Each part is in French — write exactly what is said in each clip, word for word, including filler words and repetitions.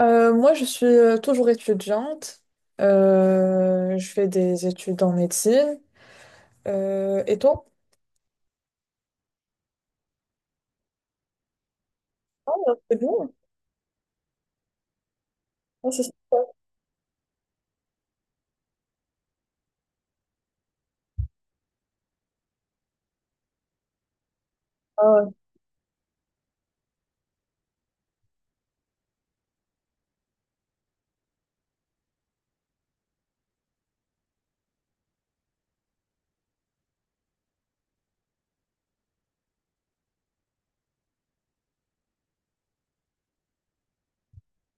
Euh, moi, je suis euh, toujours étudiante. Euh, je fais des études en médecine. Euh, et toi? Ah, c'est bien. Ah, c'est super. Ah, ouais.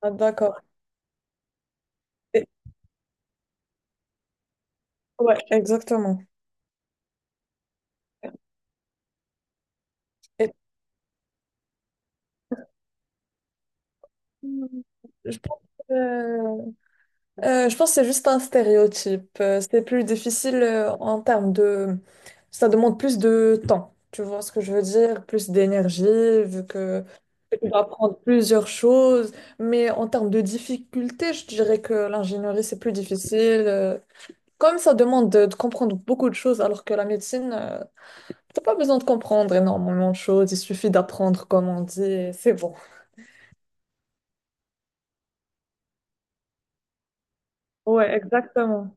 Ah, d'accord. Et- Ouais, exactement. Et je pense Euh, je pense que c'est juste un stéréotype. Euh, c'est plus difficile euh, en termes de... Ça demande plus de temps. Tu vois ce que je veux dire? Plus d'énergie, vu que tu dois apprendre plusieurs choses. Mais en termes de difficulté, je dirais que l'ingénierie, c'est plus difficile. Euh, Comme ça demande de, de comprendre beaucoup de choses, alors que la médecine, euh, t'as pas besoin de comprendre énormément de choses. Il suffit d'apprendre, comme on dit, et c'est bon. Ouais, exactement.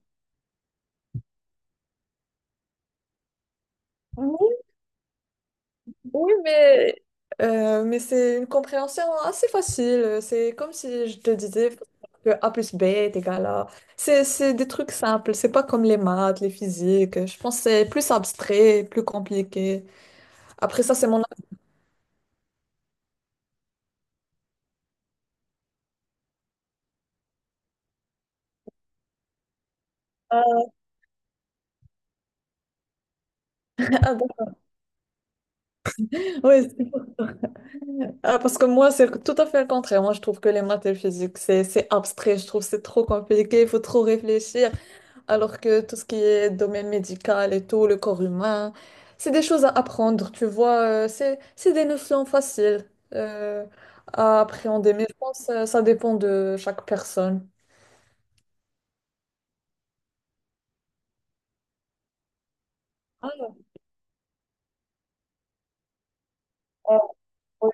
Oui, mais, euh, mais c'est une compréhension assez facile. C'est comme si je te disais que A plus B est égal à... C'est, c'est des trucs simples. C'est pas comme les maths, les physiques. Je pense que c'est plus abstrait, plus compliqué. Après ça, c'est mon... Ah, ah, bon. Oui, c'est- ah, parce que moi, c'est tout à fait le contraire. Moi, je trouve que les maths et le physique, c'est, c'est abstrait. Je trouve que c'est trop compliqué. Il faut trop réfléchir. Alors que tout ce qui est domaine médical et tout, le corps humain, c'est des choses à apprendre, tu vois, euh, c'est, c'est des notions faciles euh, à appréhender, mais je pense que ça dépend de chaque personne. Ah, euh, ouais,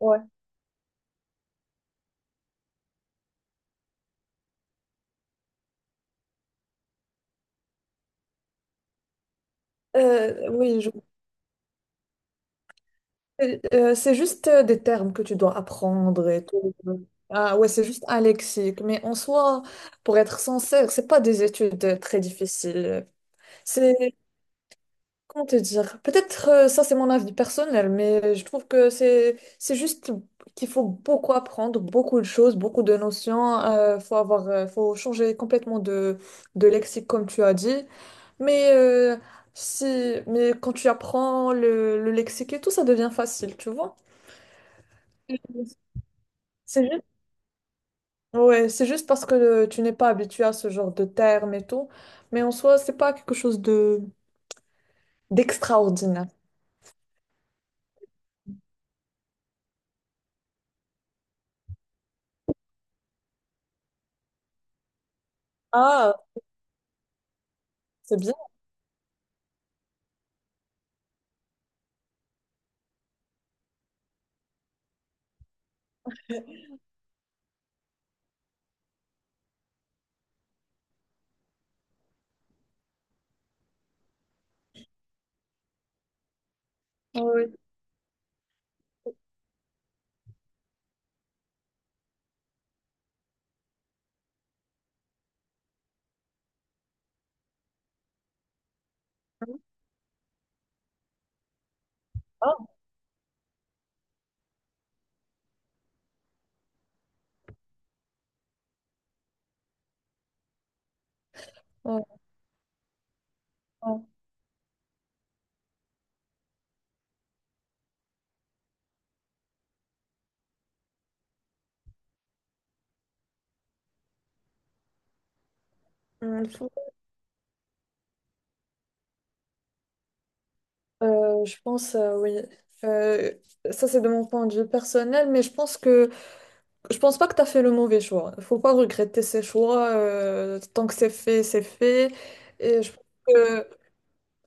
ouais. Euh, oui, je- euh, c'est juste euh, des termes que tu dois apprendre et tout. Ah ouais, c'est juste un lexique, mais en soi, pour être sincère, c'est pas des études euh, très difficiles. Comment te dire? Peut-être euh, ça c'est mon avis personnel, mais je trouve que c'est c'est juste qu'il faut beaucoup apprendre, beaucoup de choses, beaucoup de notions. Euh, faut avoir, euh, faut changer complètement de, de lexique comme tu as dit. Mais euh, si, mais quand tu apprends le, le lexique et tout, ça devient facile, tu vois? C'est juste, ouais, c'est juste parce que euh, tu n'es pas habitué à ce genre de termes et tout. Mais en soi, c'est pas quelque chose de d'extraordinaire. Ah, c'est bien. Ah, ouais. Hum, Euh, je pense, euh, oui. Euh, Ça, c'est de mon point de vue personnel, mais je pense que je pense pas que tu as fait le mauvais choix. Il faut pas regretter ses choix. Euh, tant que c'est fait, c'est fait. Et je pense que,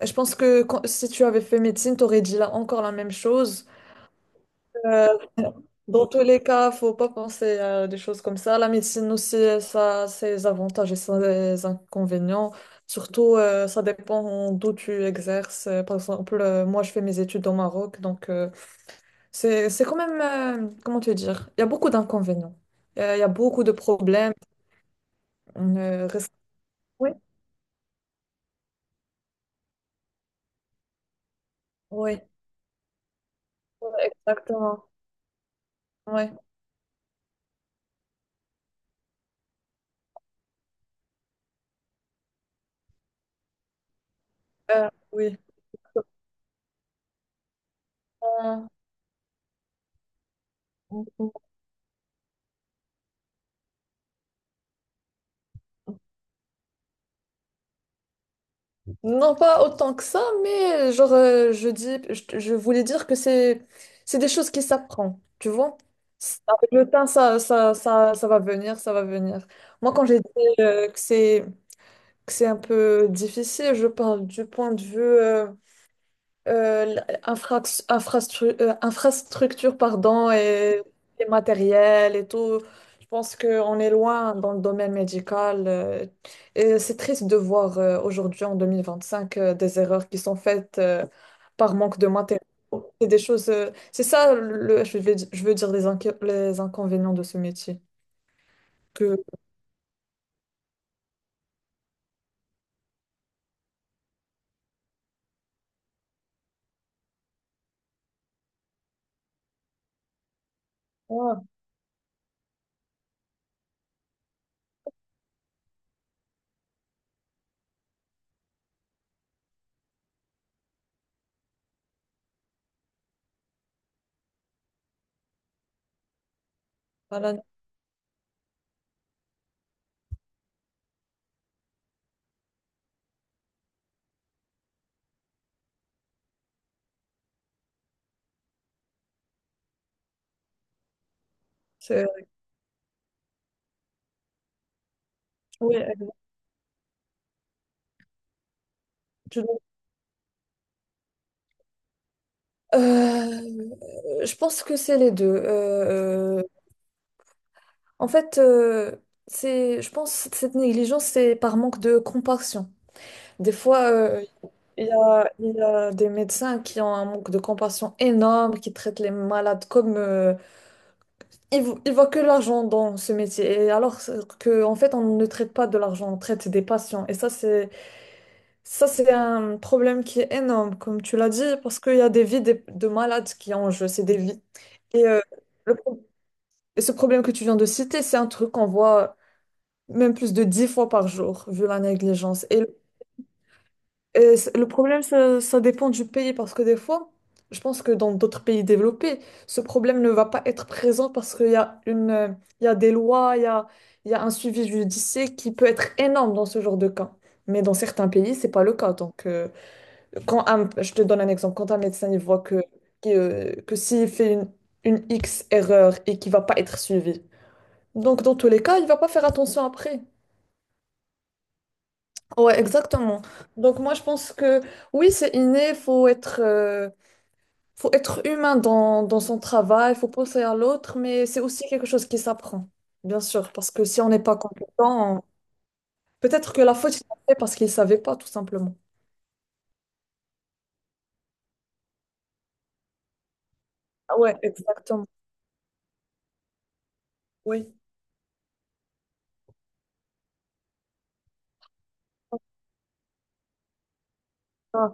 je pense que quand- si tu avais fait médecine, tu aurais dit là, encore la même chose. Euh, Dans tous les cas, faut pas penser à des choses comme ça. La médecine aussi, euh, ça a ses avantages et ses inconvénients. Surtout, euh, ça dépend d'où tu exerces. Euh, Par exemple, euh, moi, je fais mes études au Maroc, donc euh, c'est c'est quand même, euh, comment te dire, il y a beaucoup d'inconvénients. Euh, Il y a beaucoup de problèmes. Euh, rest- Oui, oui, ouais, exactement. Ouais. Euh, oui. Euh, Non, pas autant que ça, mais genre, euh, je dis, je, je voulais dire que c'est, c'est des choses qui s'apprennent, tu vois. C'est- Avec le temps, ça, ça, ça, ça va venir, ça va venir. Moi, quand j'ai dit euh, que c'est, que c'est un peu difficile, je parle du point de vue euh, euh, l'infrax- infrastru- euh, infrastructure pardon, et les matériels et tout. Je pense qu'on est loin dans le domaine médical. Euh, et c'est triste de voir euh, aujourd'hui, en deux mille vingt-cinq, euh, des erreurs qui sont faites euh, par manque de matériaux. C'est des choses, euh, c'est ça, le, je vais, di- je veux dire, les, inqui- les inconvénients de ce métier. Que, ouais, voilà, c'est- euh, oui, tu- Euh, je pense que c'est les deux. Euh, En fait, euh, c'est, je pense que cette négligence, c'est par manque de compassion. Des fois, euh, il y a, il y a des médecins qui ont un manque de compassion énorme, qui traitent les malades comme... euh, ils, vo- ils voient que l'argent dans ce métier. Et alors que, en fait, on ne traite pas de l'argent, on traite des patients. Et ça, c'est, ça, c'est un problème qui est énorme, comme tu l'as dit, parce qu'il y a des vies des- de malades qui ont en jeu, c'est des vies. Et, euh, le pro- et ce problème que tu viens de citer, c'est un truc qu'on voit même plus de dix fois par jour, vu la négligence. Et, et c- le problème, ça, ça dépend du pays, parce que des fois, je pense que dans d'autres pays développés, ce problème ne va pas être présent parce qu'il y a une, euh, il y a des lois, il y a, il y a un suivi judiciaire qui peut être énorme dans ce genre de cas. Mais dans certains pays, c'est pas le cas. Donc, euh, quand un- je te donne un exemple, quand un médecin il voit que, que, euh, que s'il fait une, une X erreur et qu'il va pas être suivi, donc dans tous les cas, il va pas faire attention après. Ouais, exactement. Donc moi, je pense que oui, c'est inné, faut être, euh, faut être humain dans, dans son travail, faut penser à l'autre, mais c'est aussi quelque chose qui s'apprend, bien sûr, parce que si on n'est pas compétent, on- peut-être que la faute, il l'a fait parce qu'il ne savait pas, tout simplement. Ah ouais, exactement. Oui. Ah,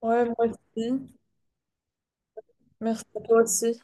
ouais, moi aussi. Merci à toi aussi.